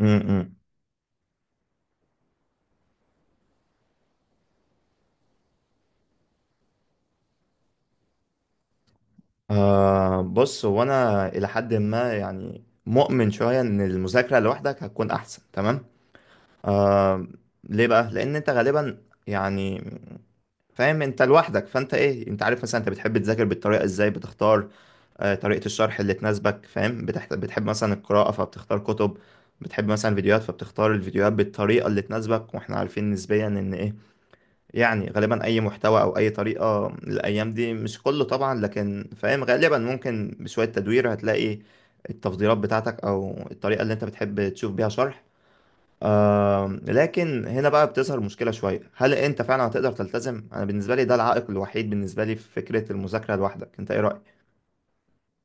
امم بص، هو انا الى حد ما يعني مؤمن شويه ان المذاكره لوحدك هتكون احسن. تمام. آه ليه بقى؟ لان انت غالبا يعني فاهم انت لوحدك، فانت ايه، انت عارف مثلا انت بتحب تذاكر بالطريقه ازاي، بتختار طريقه الشرح اللي تناسبك، فاهم. بتحب مثلا القراءه فبتختار كتب. بتحب مثلا فيديوهات فبتختار الفيديوهات بالطريقه اللي تناسبك، واحنا عارفين نسبيا ان ايه، يعني غالبا اي محتوى او اي طريقه الايام دي، مش كله طبعا، لكن فاهم غالبا ممكن بشويه تدوير هتلاقي التفضيلات بتاعتك، او الطريقه اللي انت بتحب تشوف بيها شرح. لكن هنا بقى بتظهر مشكله شويه، هل انت فعلا هتقدر تلتزم؟ انا بالنسبه لي ده العائق الوحيد بالنسبه لي في فكره المذاكره لوحدك، انت ايه رايك؟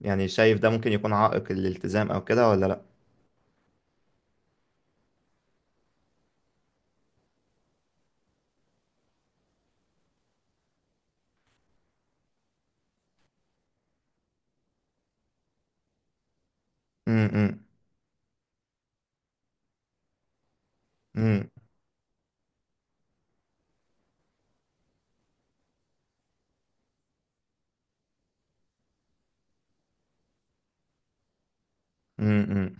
يعني شايف ده ممكن يكون عائق الالتزام او كده ولا لا؟ امم امم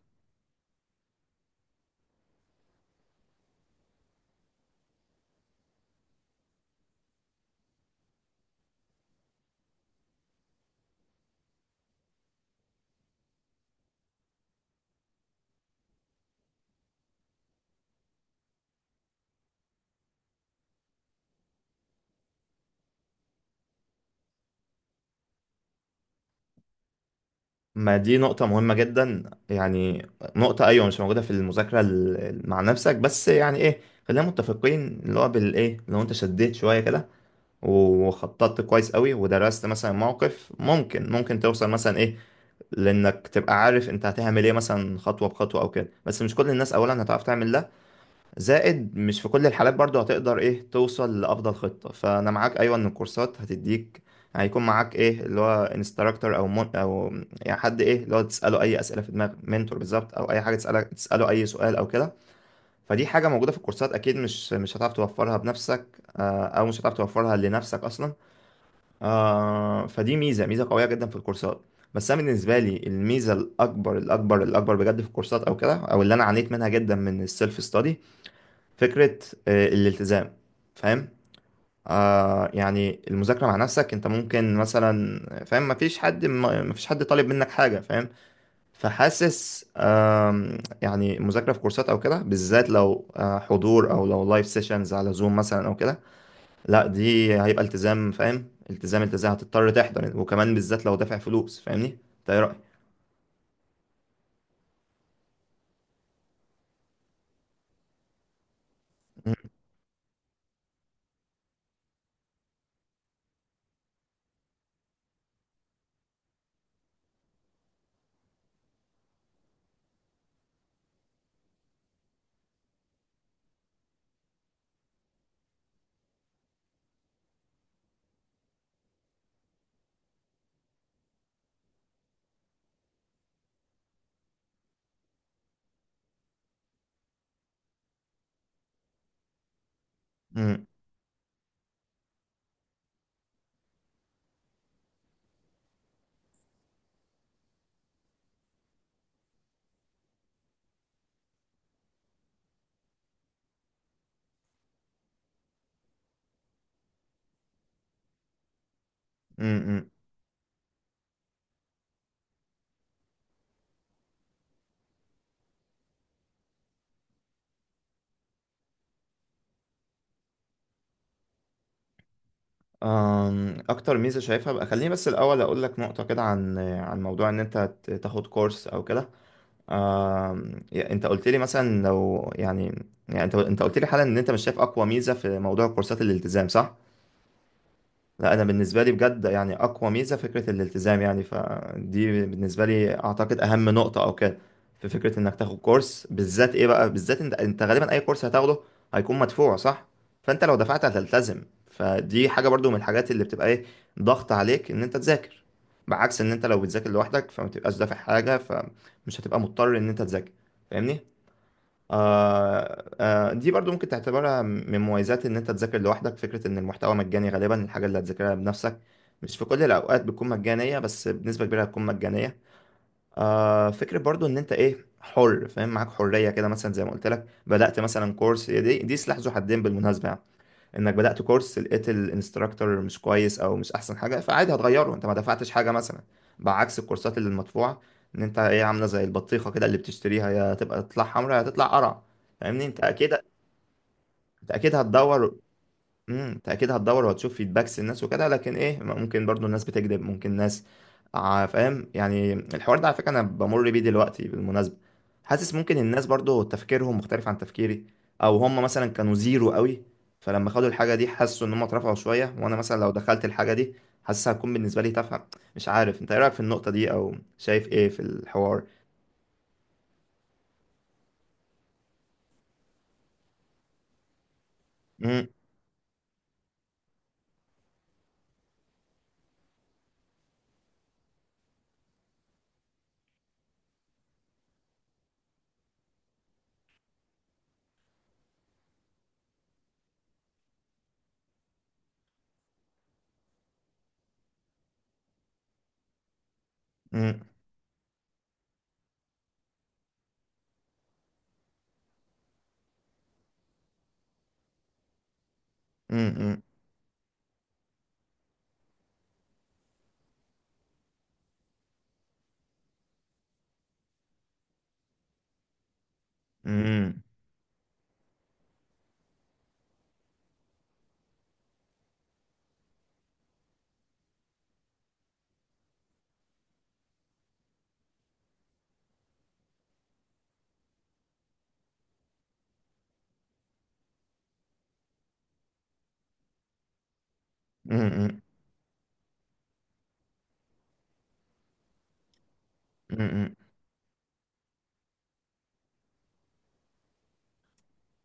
ما دي نقطة مهمة جدا يعني. نقطة، أيوة، مش موجودة في المذاكرة مع نفسك، بس يعني إيه، خلينا متفقين اللي هو بالإيه، لو أنت شديت شوية كده وخططت كويس قوي ودرست، مثلا موقف، ممكن توصل مثلا إيه، لأنك تبقى عارف أنت هتعمل إيه مثلا، خطوة بخطوة أو كده، بس مش كل الناس أولا هتعرف تعمل ده. زائد مش في كل الحالات برضو هتقدر ايه توصل لأفضل خطة. فأنا معاك أيوة، إن الكورسات هتديك، هيكون معاك ايه اللي هو انستراكتور او مون او يعني حد ايه اللي هو تسأله أي أسئلة في دماغك، منتور بالظبط، أو أي حاجة تسألك تسأله أي سؤال أو كده. فدي حاجة موجودة في الكورسات أكيد، مش هتعرف توفرها بنفسك. أو مش هتعرف توفرها لنفسك أصلا. فدي ميزة ميزة قوية جدا في الكورسات. بس انا بالنسبه لي الميزه الاكبر الاكبر الاكبر بجد في الكورسات او كده، او اللي انا عانيت منها جدا من السيلف ستادي، فكرة الالتزام، فاهم. يعني المذاكرة مع نفسك انت ممكن مثلا فاهم مفيش حد ما- مفيش حد طالب منك حاجة، فاهم. فحاسس، يعني المذاكرة في كورسات او كده بالذات لو حضور، او لو لايف سيشنز على زوم مثلا او كده، لا دي هيبقى التزام، فاهم، التزام التزام، هتضطر تحضر، وكمان بالذات لو دافع فلوس فاهمني. ده، ايه رأيك؟ اكتر ميزه شايفها بقى، خليني بس الاول اقول لك نقطه كده عن موضوع ان انت تاخد كورس او كده. انت قلت لي مثلا، لو يعني انت قلت لي حالا ان انت مش شايف اقوى ميزه في موضوع كورسات الالتزام، صح؟ لا، انا بالنسبه لي بجد يعني اقوى ميزه فكره الالتزام، يعني فدي بالنسبه لي اعتقد اهم نقطه او كده في فكره انك تاخد كورس، بالذات ايه بقى، بالذات انت غالبا اي كورس هتاخده هيكون مدفوع، صح؟ فانت لو دفعت هتلتزم، فدي حاجه برضو من الحاجات اللي بتبقى ايه، ضغط عليك ان انت تذاكر. بعكس ان انت لو بتذاكر لوحدك، فما تبقاش دافع حاجه، فمش هتبقى مضطر ان انت تذاكر. فاهمني. دي برضو ممكن تعتبرها من مميزات ان انت تذاكر لوحدك، فكرة ان المحتوى مجاني غالبا. الحاجة اللي هتذاكرها بنفسك مش في كل الاوقات بتكون مجانية، بس بنسبة كبيرة هتكون مجانية. فكرة برضو ان انت ايه، حر، فاهم، معاك حرية كده مثلا، زي ما قلت لك بدأت مثلا كورس. هي دي سلاح ذو حدين بالمناسبة يعني، انك بدأت كورس لقيت الانستراكتور مش كويس او مش احسن حاجة، فعادي هتغيره، انت ما دفعتش حاجة مثلا، بعكس الكورسات اللي المدفوعة. ان انت ايه عاملة زي البطيخة كده، اللي بتشتريها يا تبقى تطلع حمرا يا تطلع قرع. فاهمني، انت اكيد هتدور انت اكيد هتدور وهتشوف فيدباكس الناس وكده، لكن ايه ممكن برضو الناس بتكذب، ممكن ناس فاهم يعني الحوار ده على فكره انا بمر بيه دلوقتي بالمناسبه. حاسس ممكن الناس برضو تفكيرهم مختلف عن تفكيري، او هم مثلا كانوا زيرو قوي فلما خدوا الحاجه دي حسوا ان هم اترفعوا شويه، وانا مثلا لو دخلت الحاجه دي حاسسها هتكون بالنسبه لي تافهه. مش عارف، انت ايه رايك في النقطه دي، او شايف ايه في الحوار؟ امم. امم. امم. امم. امم. امم. امم. امم.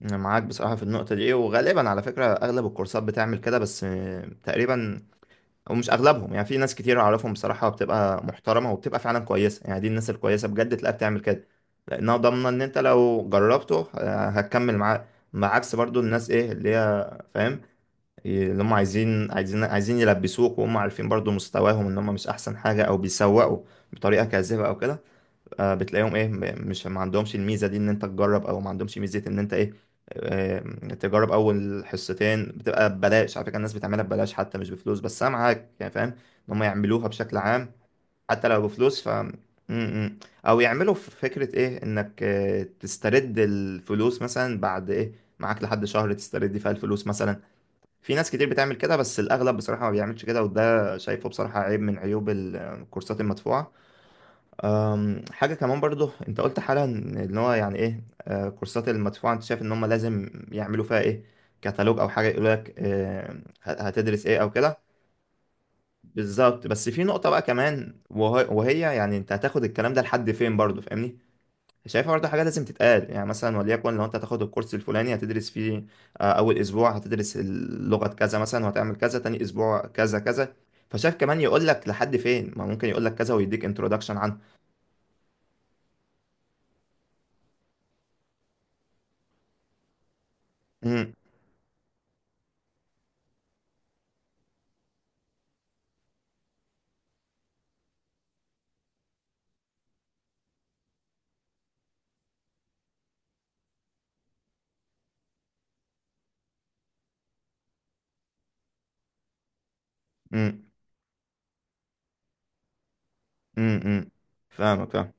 أنا معاك بصراحة في النقطة دي، وغالبا على فكرة أغلب الكورسات بتعمل كده، بس تقريبا، أو مش أغلبهم، يعني في ناس كتير أعرفهم بصراحة بتبقى محترمة وبتبقى فعلا كويسة، يعني دي الناس الكويسة بجد تلاقيها بتعمل كده. لأنها ضامنة إن أنت لو جربته هتكمل معاه. بعكس برضو الناس، إيه اللي هي، فاهم، اللي هم عايزين عايزين عايزين يلبسوك، وهم عارفين برضو مستواهم إن هم مش أحسن حاجة أو بيسوقوا بطريقة كاذبة أو كده. بتلاقيهم ايه م- مش ما عندهمش الميزه دي ان انت تجرب، او ما عندهمش ميزه ان انت ايه، آه، تجرب اول حصتين بتبقى ببلاش، على فكره الناس بتعملها ببلاش حتى مش بفلوس، بس انا معاك يعني فاهم ان هم يعملوها بشكل عام. حتى لو بفلوس ف م- م. او يعملوا في فكره ايه، انك تسترد الفلوس مثلا بعد ايه، معاك لحد شهر تسترد فيها الفلوس مثلا. في ناس كتير بتعمل كده بس الاغلب بصراحه ما بيعملش كده، وده شايفه بصراحه عيب من عيوب الكورسات المدفوعه. حاجة كمان برضو، انت قلت حالا إن هو يعني ايه كورسات المدفوعة انت شايف ان هم لازم يعملوا فيها ايه، كتالوج او حاجة يقول لك هتدرس ايه او كده. بالظبط، بس في نقطة بقى كمان، وهي يعني انت هتاخد الكلام ده لحد فين برضو، فاهمني. شايفها برضو حاجة لازم تتقال يعني، مثلا وليكن لو انت هتاخد الكورس الفلاني هتدرس فيه اول اسبوع هتدرس اللغة كذا مثلا وهتعمل كذا، تاني اسبوع كذا كذا. فشايف كمان يقول لك لحد فين، ما ممكن يقول لك كذا ويديك انترودكشن عنه. مم، مم. امم. امم. فاهمك، فاهم.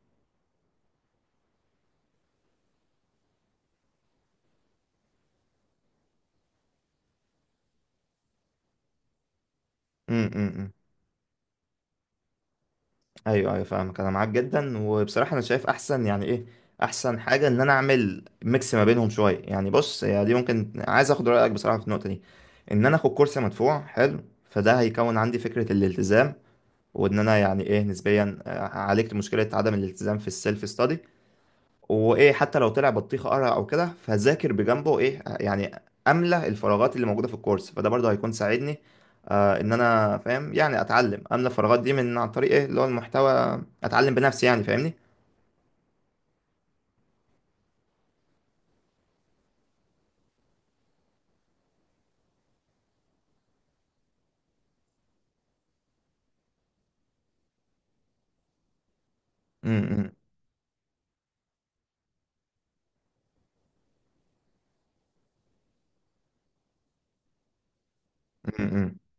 امم. امم. امم. ايوه ايوه، فاهمك، انا معاك جدا، وبصراحه انا شايف احسن يعني ايه، احسن حاجه ان انا اعمل ميكس ما بينهم شويه، يعني بص هي دي ممكن، عايز اخد رايك بصراحه في النقطه دي، ان انا اخد كورس مدفوع حلو، فده هيكون عندي فكره الالتزام، وان انا يعني ايه نسبيا عالجت مشكله عدم الالتزام في السيلف ستادي. وايه، حتى لو طلع بطيخه قرع او كده فذاكر بجنبه ايه يعني، املى الفراغات اللي موجوده في الكورس، فده برضه هيكون ساعدني ان انا فاهم يعني، اتعلم املى الفراغات دي من عن طريق ايه اللي هو المحتوى، اتعلم بنفسي يعني فاهمني. م- م- م- م.